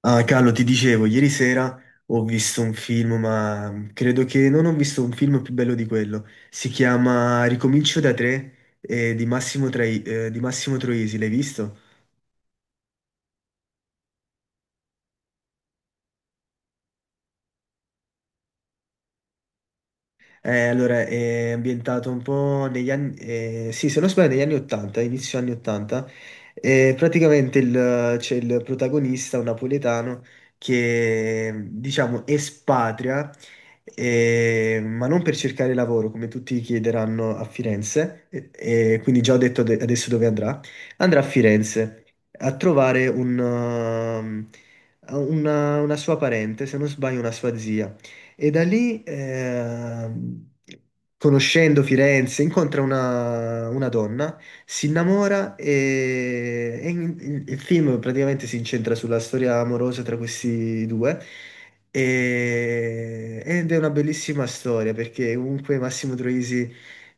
Ah, Carlo, ti dicevo, ieri sera ho visto un film, ma credo che non ho visto un film più bello di quello. Si chiama Ricomincio da tre, di Massimo Troisi, l'hai visto? Allora, è ambientato un po' negli anni, sì, se non sbaglio, negli anni 80, inizio anni 80. Praticamente c'è il protagonista, un napoletano, che diciamo espatria, ma non per cercare lavoro, come tutti chiederanno a Firenze, e quindi già ho detto adesso dove andrà. Andrà a Firenze a trovare un, una sua parente, se non sbaglio, una sua zia e da lì, conoscendo Firenze, incontra una donna, si innamora e il film praticamente si incentra sulla storia amorosa tra questi due. Ed è una bellissima storia perché comunque Massimo Troisi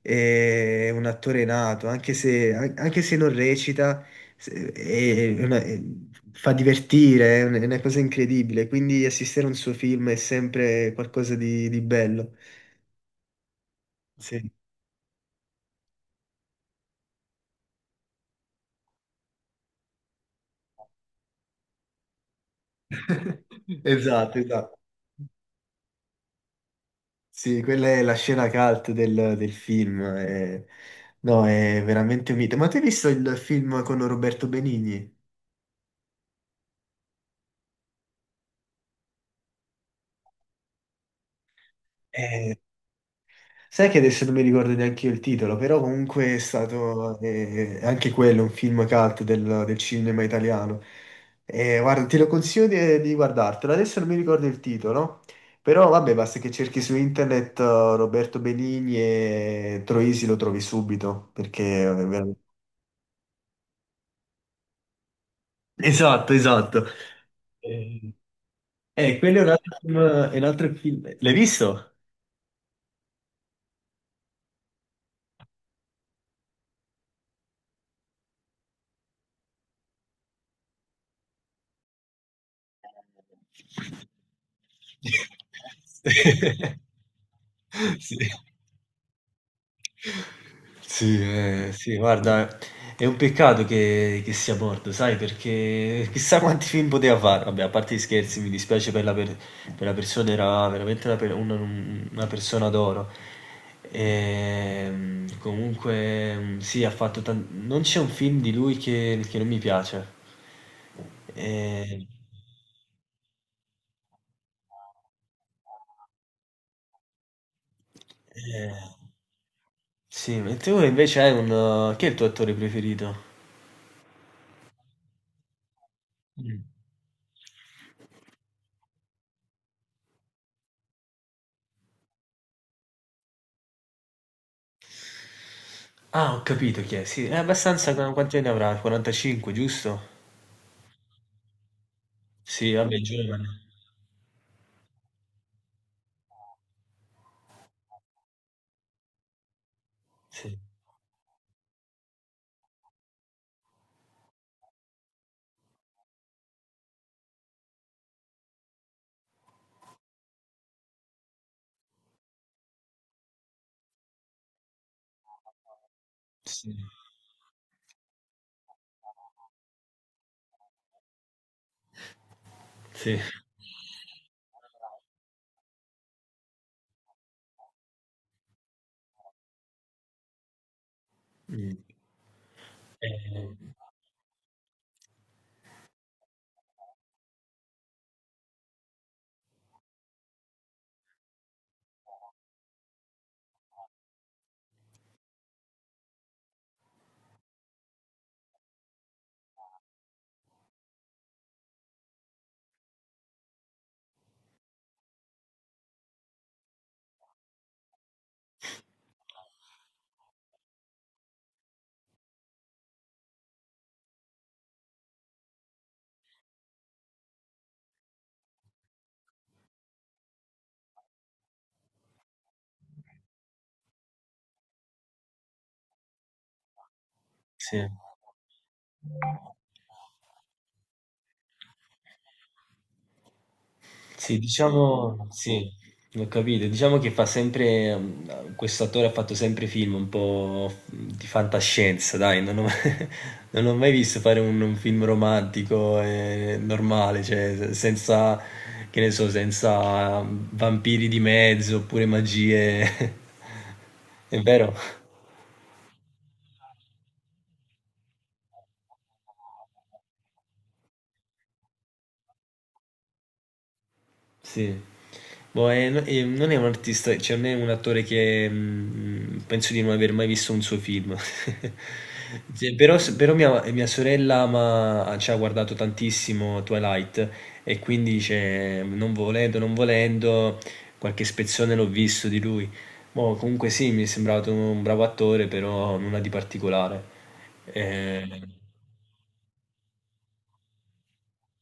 è un attore nato, anche se, anche se non recita, se- è una- è- fa divertire, è una cosa incredibile. Quindi assistere a un suo film è sempre qualcosa di bello. Sì. Esatto, esatto. Sì, quella è la scena cult del, del film. No, è veramente un mito. Ma tu hai visto il film con Roberto Benigni? Eh, Sai che adesso non mi ricordo neanche io il titolo, però comunque è stato anche quello un film cult del, del cinema italiano. E guarda, te lo consiglio di guardartelo. Adesso non mi ricordo il titolo, però vabbè, basta che cerchi su internet Roberto Benigni e Troisi lo trovi subito, perché è veramente... Esatto, esatto. Eh, quello è un altro film. È un altro film. L'hai visto? Sì. Sì, sì, guarda, è un peccato che sia morto, sai, perché chissà quanti film poteva fare. Vabbè, a parte gli scherzi, mi dispiace per la persona, era veramente una persona d'oro. Comunque, mhmm, sì, ha fatto tan non c'è un film di lui che non mi piace. Ehm Eh. Sì, ma tu invece hai un... chi è il tuo attore preferito? Mm. Ah, ho capito chi è, sì. È abbastanza... Quanti anni avrà? 45, giusto? Sì, vabbè, giovane. Sì, sì, sì. Mm. Eh, sì. Sì, diciamo, sì, l'ho capito. Diciamo che fa sempre, mm, questo attore ha fatto sempre film un po' di fantascienza, dai, non ho, non ho mai visto fare un film romantico e normale, cioè senza, che ne so, senza vampiri di mezzo oppure magie. È vero? Sì. Boh, e non è un artista, cioè non è un attore che mm, penso di non aver mai visto un suo film. Sì, però, però mia, mia sorella ci ha guardato tantissimo Twilight e quindi cioè, non volendo, qualche spezzone l'ho visto di lui. Boh, comunque sì, mi è sembrato un bravo attore, però nulla di particolare. Eh,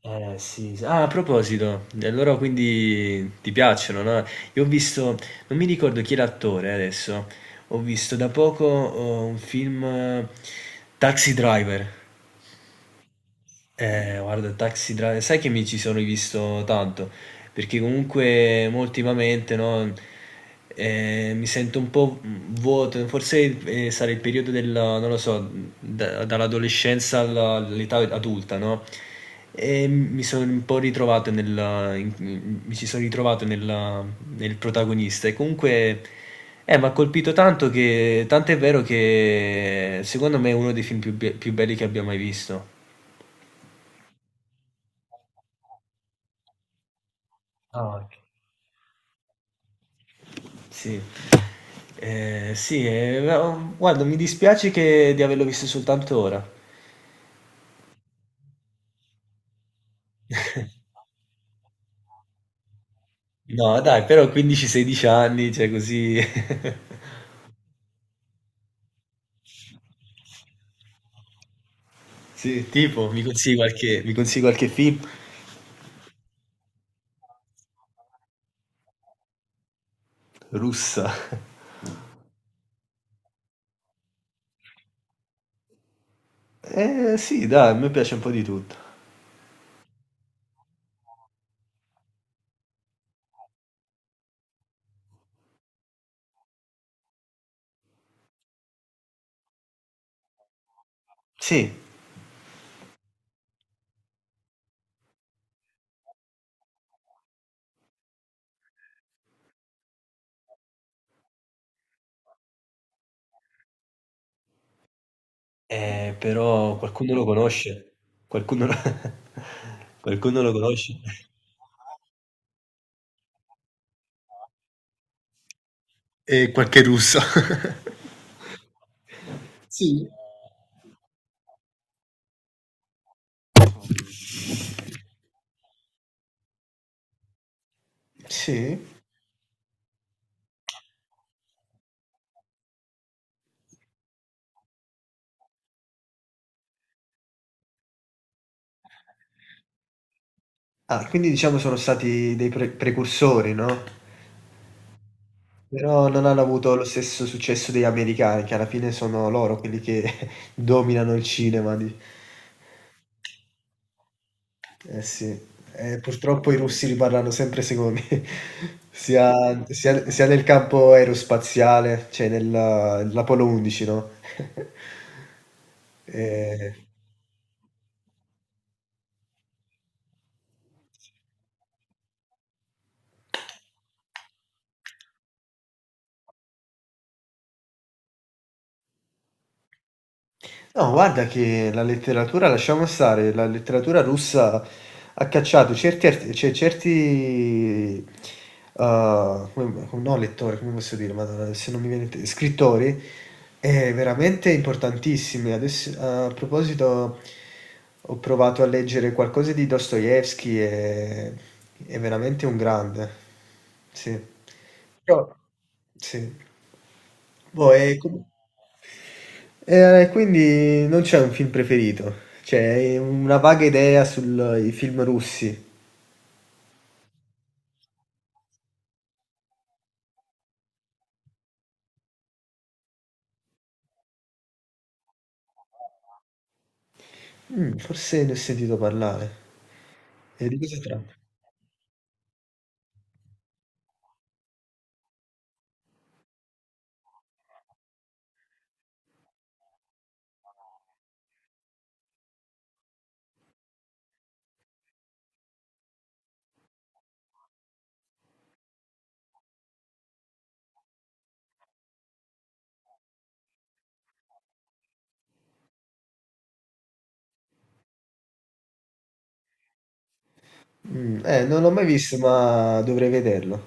Eh sì, sì. Ah, a proposito, e allora quindi ti piacciono, no? Io ho visto, non mi ricordo chi è l'attore adesso, ho visto da poco un film Taxi Driver. Guarda, Taxi Driver, sai che mi ci sono rivisto tanto, perché comunque mo ultimamente, no, mi sento un po' vuoto, forse sarà il periodo della, non lo so, dall'adolescenza all'età adulta, no? E mi sono un po' ritrovato nella, in- mi ci sono ritrovato nella- nel protagonista e comunque mi ha colpito tanto che, tanto è vero che secondo me è uno dei film più, più belli che abbia mai visto. Ah, ok. Sì. Sì, no, guarda, mi dispiace che di averlo visto soltanto ora. No, dai, però 15-16 anni, cioè così... Sì, tipo, mi consigli qualche film? Russa. Sì, dai, a me piace un po' di tutto. Sì, però qualcuno lo conosce. Qualcuno lo... qualcuno lo conosce. E qualche russo. Sì. Sì. Ah, quindi diciamo sono stati dei precursori, no? Però non hanno avuto lo stesso successo degli americani, che alla fine sono loro quelli che dominano il cinema. Eh sì, eh, purtroppo i russi li parlano sempre secondi, sia nel campo aerospaziale, cioè nell'Apollo 11, no? Eh, No, guarda che la letteratura, lasciamo stare, la letteratura russa ha cacciato certi, cioè certi uh, no, lettori, come posso dire, madonna, se non mi viene scrittori, veramente importantissimi. Adesso, a proposito, ho provato a leggere qualcosa di Dostoevsky e è veramente un grande, sì. Però, sì. Boh, e quindi non c'è un film preferito, c'è una vaga idea sui film russi. Mm, forse ne ho sentito parlare. E di cosa tratta? Mm, non l'ho mai visto, ma dovrei vederlo.